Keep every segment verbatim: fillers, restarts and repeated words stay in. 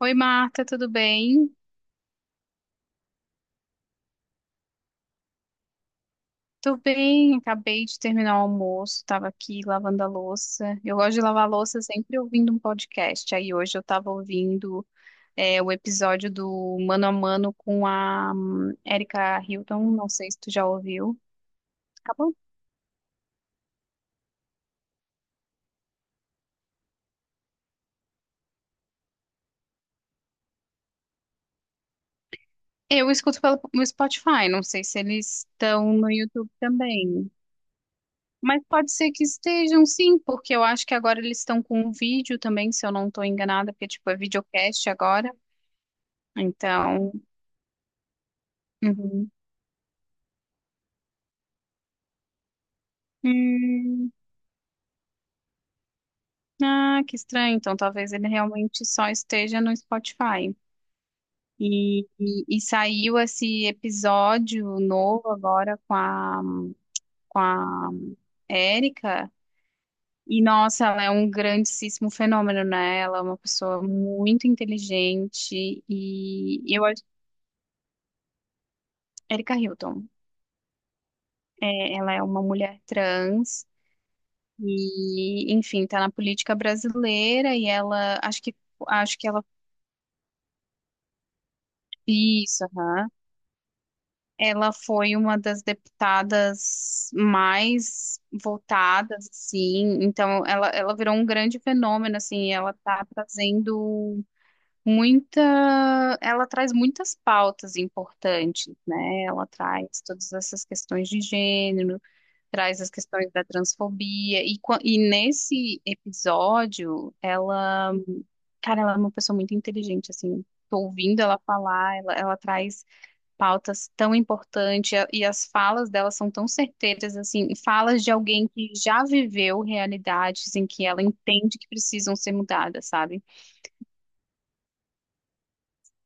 Oi, Marta, tudo bem? Tô bem, acabei de terminar o almoço, tava aqui lavando a louça. Eu gosto de lavar a louça sempre ouvindo um podcast. Aí hoje eu tava ouvindo é, o episódio do Mano a Mano com a hum, Erika Hilton, não sei se tu já ouviu. Acabou? Eu escuto pelo no Spotify, não sei se eles estão no YouTube também. Mas pode ser que estejam, sim, porque eu acho que agora eles estão com um vídeo também, se eu não estou enganada, porque tipo é videocast agora. Então, uhum. Hum, ah, que estranho. Então, talvez ele realmente só esteja no Spotify. E, e, e saiu esse episódio novo agora com a, com a Érica. E, nossa, ela é um grandíssimo fenômeno, né? Ela é uma pessoa muito inteligente. E eu acho. Érica Hilton. É, ela é uma mulher trans. E, enfim, tá na política brasileira. E ela. Acho que, acho que ela. Isso, aham. Ela foi uma das deputadas mais votadas, assim. Então, ela, ela virou um grande fenômeno, assim. Ela está trazendo muita, ela traz muitas pautas importantes, né? Ela traz todas essas questões de gênero, traz as questões da transfobia. E, qua- e nesse episódio, ela, cara, ela é uma pessoa muito inteligente, assim. Tô ouvindo ela falar, ela, ela traz pautas tão importantes e a- e as falas delas são tão certeiras, assim, falas de alguém que já viveu realidades em que ela entende que precisam ser mudadas, sabe?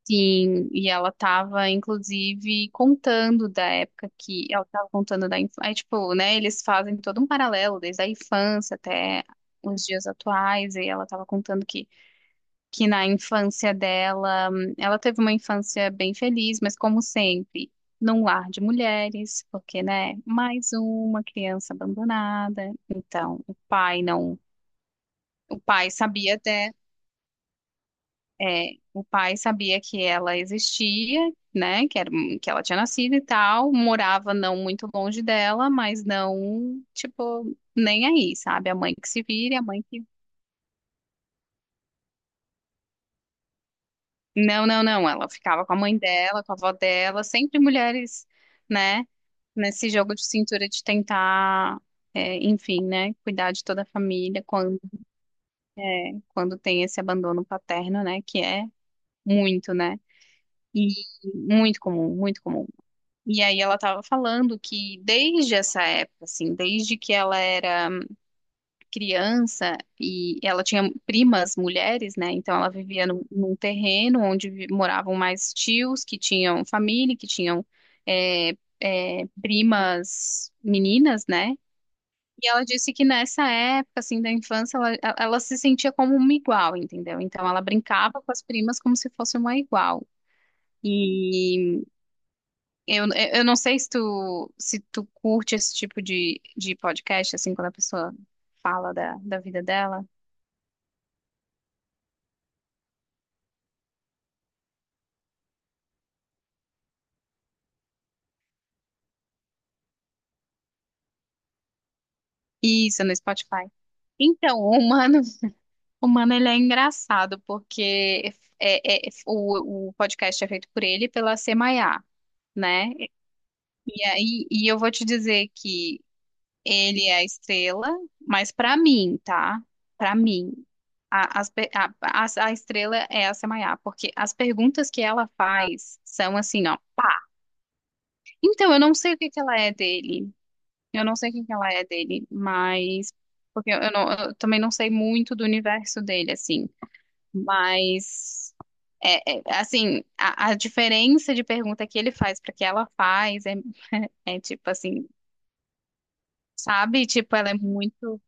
Sim, e ela estava, inclusive, contando da época que ela estava contando da infância, aí, tipo, né, eles fazem todo um paralelo, desde a infância até os dias atuais, e ela estava contando que que na infância dela, hum, ela teve uma infância bem feliz, mas, como sempre, num lar de mulheres, porque, né, mais uma criança abandonada. Então, o pai não, o pai sabia até, é, o pai sabia que ela existia, né, que era, que ela tinha nascido e tal, morava não muito longe dela, mas não, tipo, nem aí, sabe? A mãe que se vire, a mãe que. Não, não, não. Ela ficava com a mãe dela, com a avó dela, sempre mulheres, né? Nesse jogo de cintura de tentar, é, enfim, né? Cuidar de toda a família quando, é, quando tem esse abandono paterno, né? Que é muito, né? E muito comum, muito comum. E aí ela tava falando que desde essa época, assim, desde que ela era criança e ela tinha primas mulheres, né? Então ela vivia num, num terreno onde vi- moravam mais tios que tinham família, que tinham é, é, primas meninas, né? E ela disse que nessa época, assim, da infância, ela, ela ela se sentia como uma igual, entendeu? Então ela brincava com as primas como se fosse uma igual. E eu, eu não sei se tu, se tu curte esse tipo de, de podcast, assim, quando a pessoa fala da, da vida dela. Isso, no Spotify. Então, o humano, o humano ele é engraçado, porque é, é- é, o, o podcast é feito por ele e pela Semaia, né? E aí, e eu vou te dizer que ele é a estrela, mas pra mim, tá? Pra mim, a, as pe- a, a, a estrela é a Semaia, porque as perguntas que ela faz são assim, ó. Então, eu não sei o que que ela é dele. Eu não sei quem que ela é dele, mas porque eu, eu não, eu também não sei muito do universo dele, assim. Mas é, é, assim, a, a diferença de pergunta que ele faz para que ela faz é, é tipo assim, sabe? Tipo, ela é muito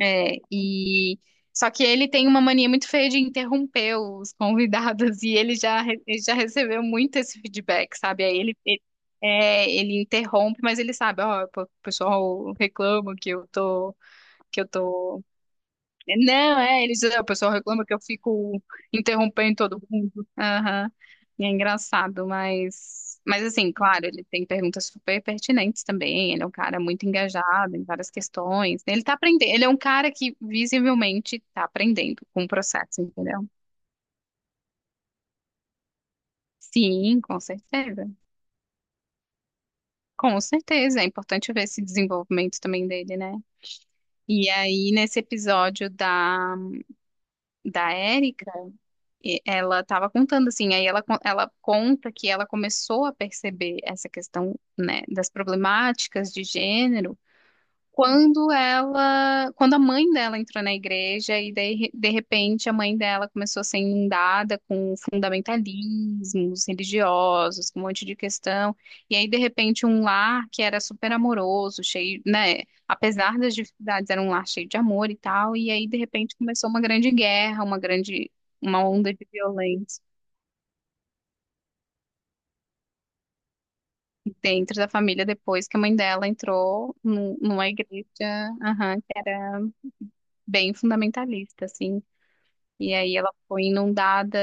é, e só que ele tem uma mania muito feia de interromper os convidados e ele já re- ele já recebeu muito esse feedback, sabe? Aí ele ele, é, ele interrompe, mas ele sabe, ó, o pessoal reclama que eu tô que eu tô. Não, é, eles, é, o pessoal reclama que eu fico interrompendo todo mundo. Aham. E é engraçado, mas mas assim, claro, ele tem perguntas super pertinentes também. Ele é um cara muito engajado em várias questões. Ele tá aprendendo, ele é um cara que visivelmente tá aprendendo com o processo, entendeu? Sim, com certeza. Com certeza, é importante ver esse desenvolvimento também dele, né? E aí, nesse episódio da da Érica, e ela estava contando assim, aí ela, con- ela conta que ela começou a perceber essa questão, né, das problemáticas de gênero quando ela, quando a mãe dela entrou na igreja e daí, de repente, a mãe dela começou a ser inundada com fundamentalismos religiosos, com um monte de questão, e aí de repente um lar que era super amoroso, cheio, né, apesar das dificuldades, era um lar cheio de amor e tal, e aí de repente começou uma grande guerra, uma grande, uma onda de violência dentro da família depois que a mãe dela entrou num- numa igreja, aham, que era bem fundamentalista, assim. E aí ela foi inundada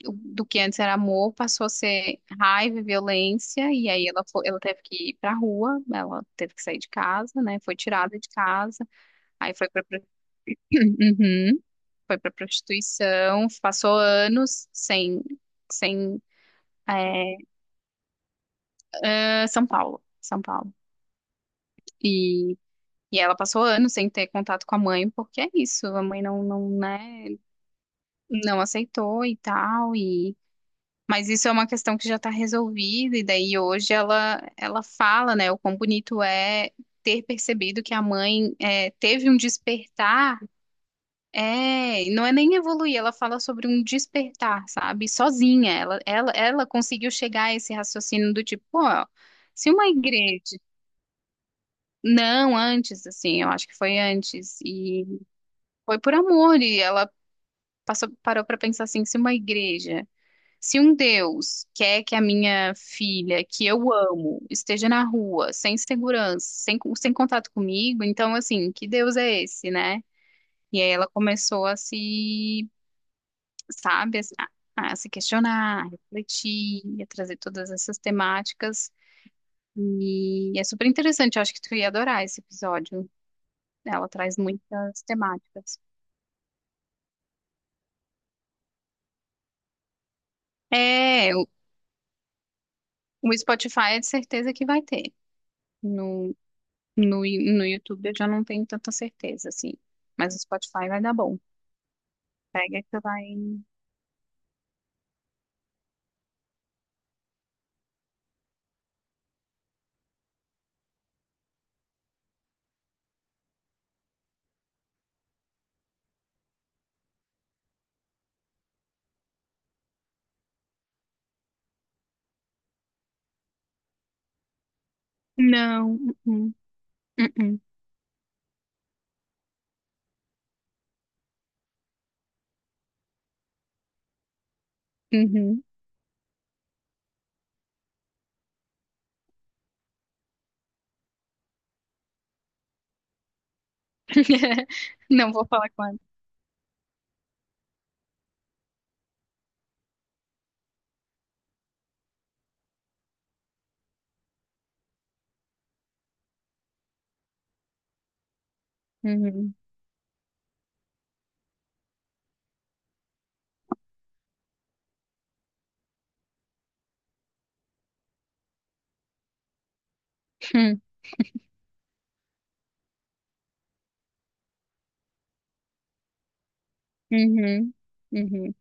do do que antes era amor, passou a ser raiva e violência, e aí ela foi, ela teve que ir pra rua, ela teve que sair de casa, né? Foi tirada de casa, aí foi pra, pro- uhum, foi pra prostituição, passou anos sem, sem, é, ah, São Paulo, São Paulo. E, e ela passou anos sem ter contato com a mãe, porque é isso, a mãe não, não, né, não aceitou e tal. Mas isso é uma questão que já está resolvida, e daí hoje ela, ela fala, né, o quão bonito é ter percebido que a mãe é, teve um despertar, é, e não é nem evoluir, ela fala sobre um despertar, sabe? Sozinha, ela, ela, ela conseguiu chegar a esse raciocínio do tipo, pô, se uma igreja. Não, antes, assim, eu acho que foi antes, e foi por amor, e ela passou, parou para pensar assim, se uma igreja. Se um Deus quer que a minha filha, que eu amo, esteja na rua, sem segurança, sem, sem contato comigo, então, assim, que Deus é esse, né? E aí ela começou a se, sabe, a, a se questionar, a refletir, a trazer todas essas temáticas. E é super interessante, eu acho que tu ia adorar esse episódio. Ela traz muitas temáticas. É, o o Spotify é de certeza que vai ter. No No, Yu- no YouTube eu já não tenho tanta certeza, assim. Mas o Spotify vai dar bom. Pega que vai. Não. Uh-uh, uh-uh, uhum. Não vou falar com ela. Uhum. Hum, uhum. Uhum.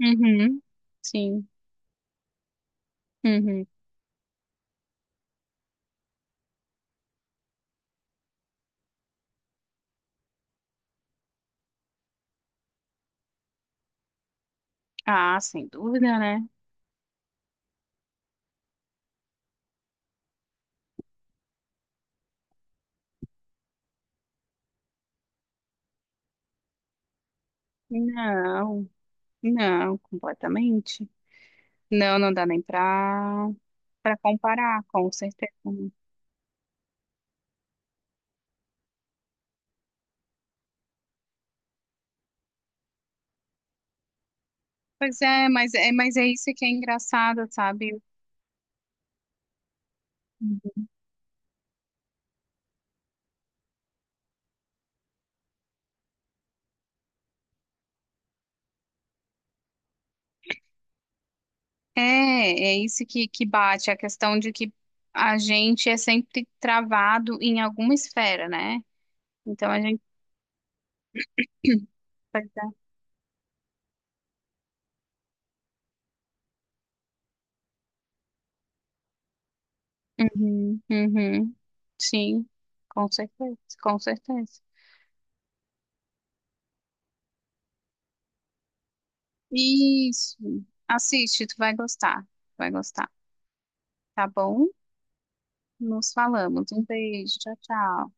Uhum. Sim. Uhum. Ah, sem dúvida, né? Não. Não, completamente. Não, não dá nem pra, pra comparar, com certeza. Pois é, mas é, mas é isso que é engraçado, sabe? É, é isso que, que bate, a questão de que a gente é sempre travado em alguma esfera, né? Então a gente vai dar. Uhum, uhum. Sim, com certeza, com certeza. Isso. Assiste, tu vai gostar. Vai gostar. Tá bom? Nos falamos. Um beijo. Tchau, tchau.